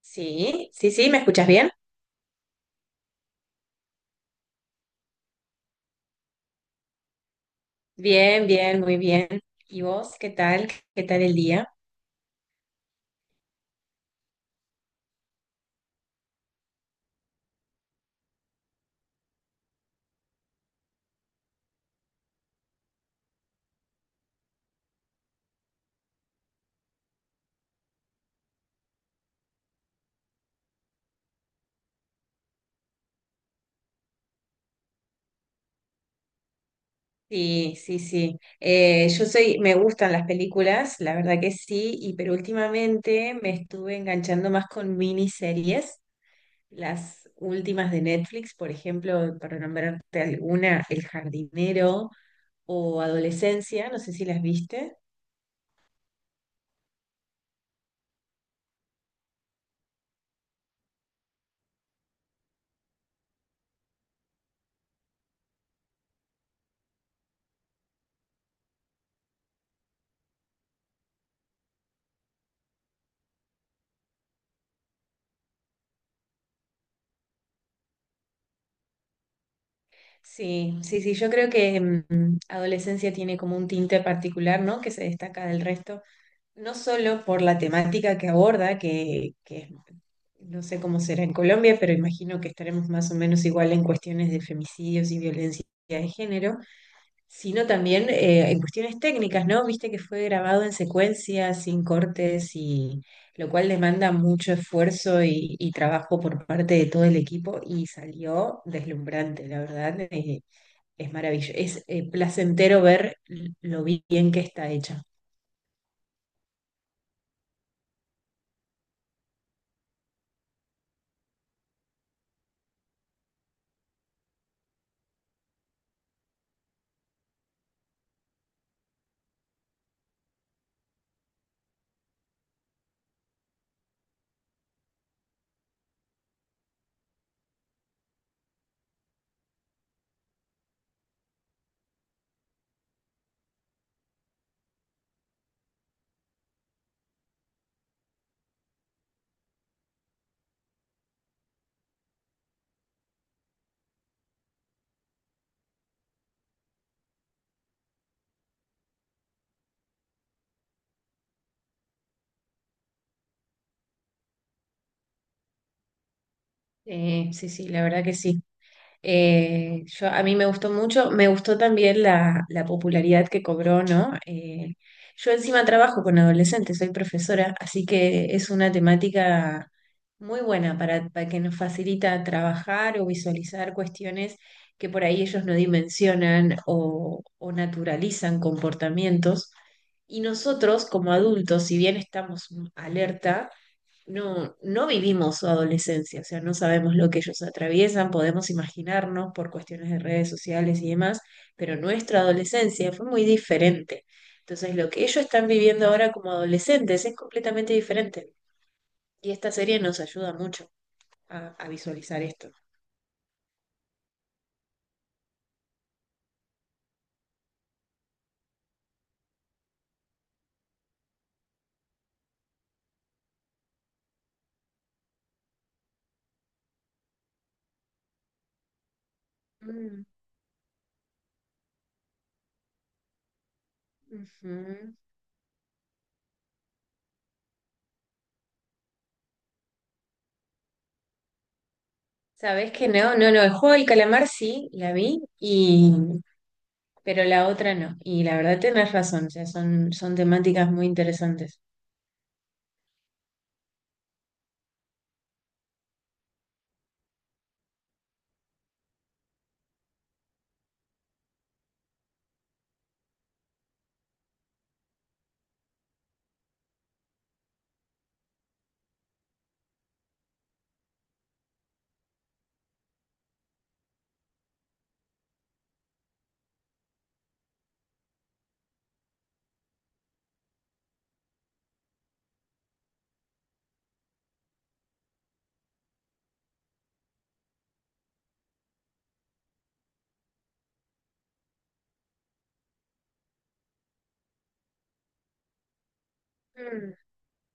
Sí, sí, sí, ¿me escuchas bien? Bien, bien, muy bien. ¿Y vos qué tal? ¿Qué tal el día? Sí, sí, sí. Me gustan las películas, la verdad que sí, y pero últimamente me estuve enganchando más con miniseries, las últimas de Netflix, por ejemplo, para nombrarte alguna, El Jardinero o Adolescencia, no sé si las viste. Sí, sí, sí, yo creo que Adolescencia tiene como un tinte particular, ¿no? Que se destaca del resto. No solo por la temática que aborda, que no sé cómo será en Colombia, pero imagino que estaremos más o menos igual en cuestiones de femicidios y violencia de género, sino también en cuestiones técnicas, ¿no? Viste que fue grabado en secuencia, sin cortes, y lo cual demanda mucho esfuerzo y trabajo por parte de todo el equipo y salió deslumbrante, la verdad, es maravilloso, es placentero ver lo bien que está hecha. Sí, sí, la verdad que sí. A mí me gustó mucho, me gustó también la popularidad que cobró, ¿no? Yo encima trabajo con adolescentes, soy profesora, así que es una temática muy buena para que nos facilita trabajar o visualizar cuestiones que por ahí ellos no dimensionan o naturalizan comportamientos. Y nosotros como adultos, si bien estamos alerta, no, no vivimos su adolescencia, o sea, no sabemos lo que ellos atraviesan, podemos imaginarnos por cuestiones de redes sociales y demás, pero nuestra adolescencia fue muy diferente. Entonces, lo que ellos están viviendo ahora como adolescentes es completamente diferente. Y esta serie nos ayuda mucho a visualizar esto. Mm, ujú. ¿Sabés que no? No, no, el juego del calamar sí, la vi, y, pero la otra no. Y la verdad tenés razón, o sea, son temáticas muy interesantes.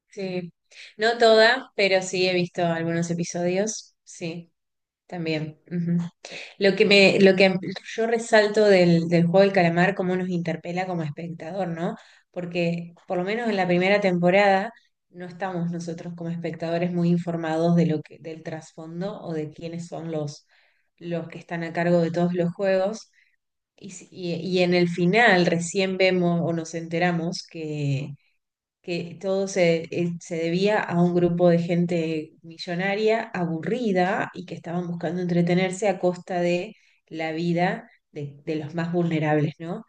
Sí, no toda, pero sí he visto algunos episodios, sí, también. Ujú. Lo que yo resalto del, del juego del calamar, cómo nos interpela como espectador, ¿no? Porque por lo menos en la primera temporada no estamos nosotros como espectadores muy informados de lo que, del trasfondo o de quiénes son los que están a cargo de todos los juegos. Y, y en el final recién vemos o nos enteramos que todo se, se debía a un grupo de gente millonaria, aburrida y que estaban buscando entretenerse a costa de la vida de los más vulnerables, ¿no?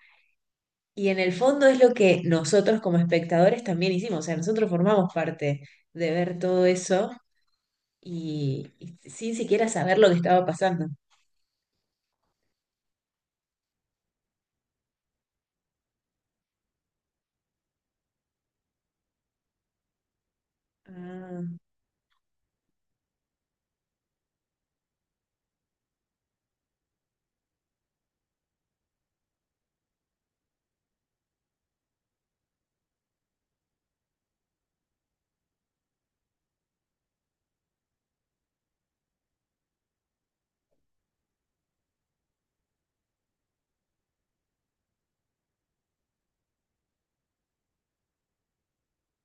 Y en el fondo es lo que nosotros como espectadores también hicimos, o sea, nosotros formamos parte de ver todo eso y sin siquiera saber lo que estaba pasando. Ah,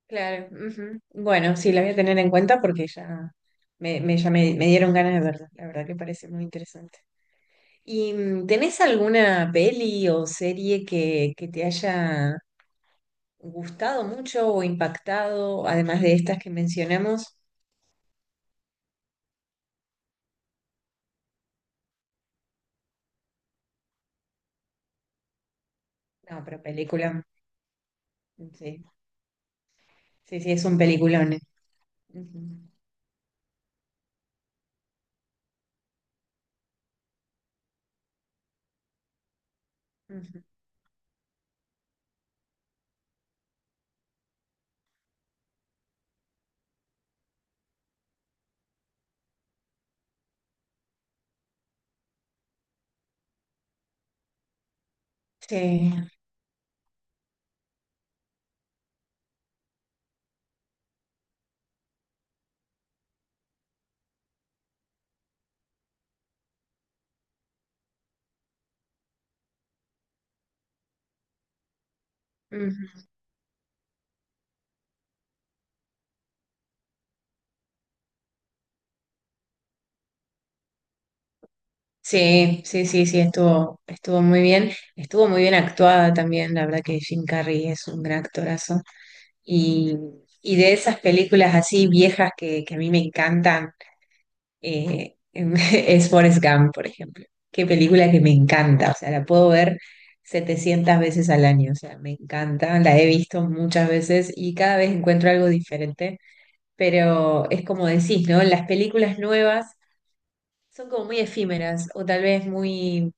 claro. Ujú. Bueno, sí, la voy a tener en cuenta porque ya me dieron ganas de verla. La verdad que parece muy interesante. ¿Y tenés alguna peli o serie que te haya gustado mucho o impactado, además de estas que mencionamos? No, pero película, sí, sí, sí, es un peliculón. Eh. Ujú, ujú. Sí, ujú. Sí, sí, sí, sí, estuvo muy bien actuada también, la verdad que Jim Carrey es un gran actorazo. Y, y de esas películas así viejas que a mí me encantan. Eh, es Forrest Gump, por ejemplo. Qué película que me encanta, o sea, la puedo ver 700 veces al año, o sea, me encanta, la he visto muchas veces y cada vez encuentro algo diferente, pero es como decís, ¿no? Las películas nuevas son como muy efímeras o tal vez muy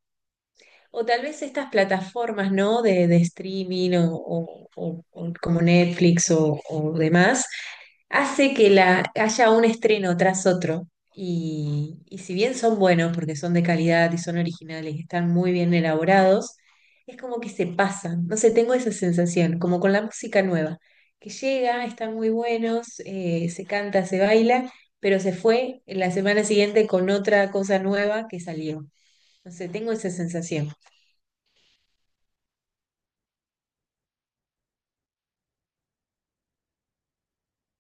o tal vez estas plataformas, ¿no? De streaming o como Netflix o demás, hace que la, haya un estreno tras otro. Y si bien son buenos porque son de calidad y son originales y están muy bien elaborados, es como que se pasan. No sé, tengo esa sensación, como con la música nueva, que llega, están muy buenos, se canta, se baila, pero se fue en la semana siguiente con otra cosa nueva que salió. No sé, tengo esa sensación.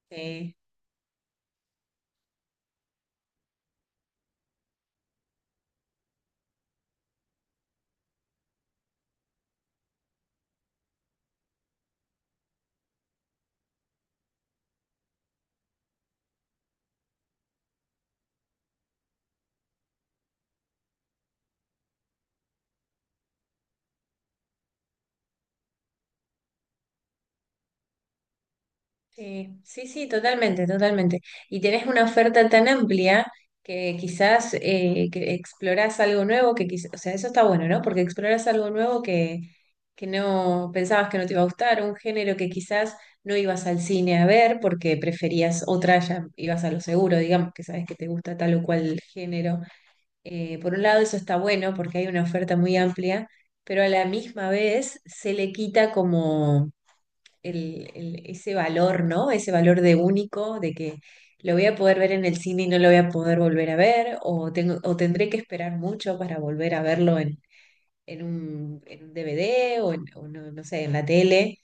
Sí, sí, sí, sí, totalmente, totalmente. Y tenés una oferta tan amplia que quizás que explorás algo nuevo que quizás, o sea, eso está bueno, ¿no? Porque explorás algo nuevo que no pensabas que no te iba a gustar, un género que quizás no ibas al cine a ver porque preferías otra, ya ibas a lo seguro, digamos, que sabes que te gusta tal o cual género. Por un lado, eso está bueno porque hay una oferta muy amplia, pero a la misma vez se le quita como ese valor, ¿no? Ese valor de único, de que lo voy a poder ver en el cine y no lo voy a poder volver a ver, o tendré que esperar mucho para volver a verlo en, en un DVD o no, no sé, en la tele,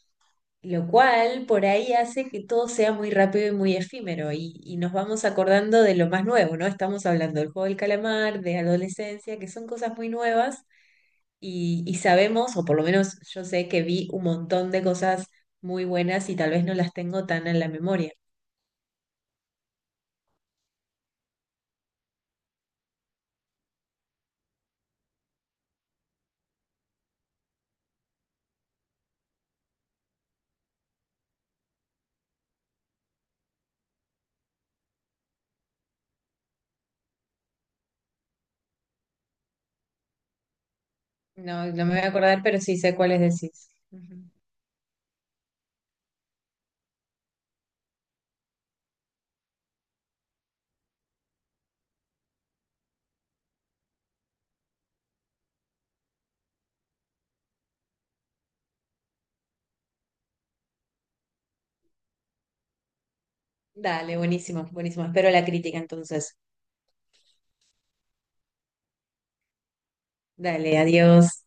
lo cual por ahí hace que todo sea muy rápido y muy efímero y nos vamos acordando de lo más nuevo, ¿no? Estamos hablando del juego del calamar, de adolescencia, que son cosas muy nuevas y sabemos, o por lo menos yo sé que vi un montón de cosas muy buenas y tal vez no las tengo tan en la memoria. No, no me voy a acordar, pero sí sé cuáles decís. Ujú. Dale, buenísimo, buenísimo. Espero la crítica entonces. Dale, adiós.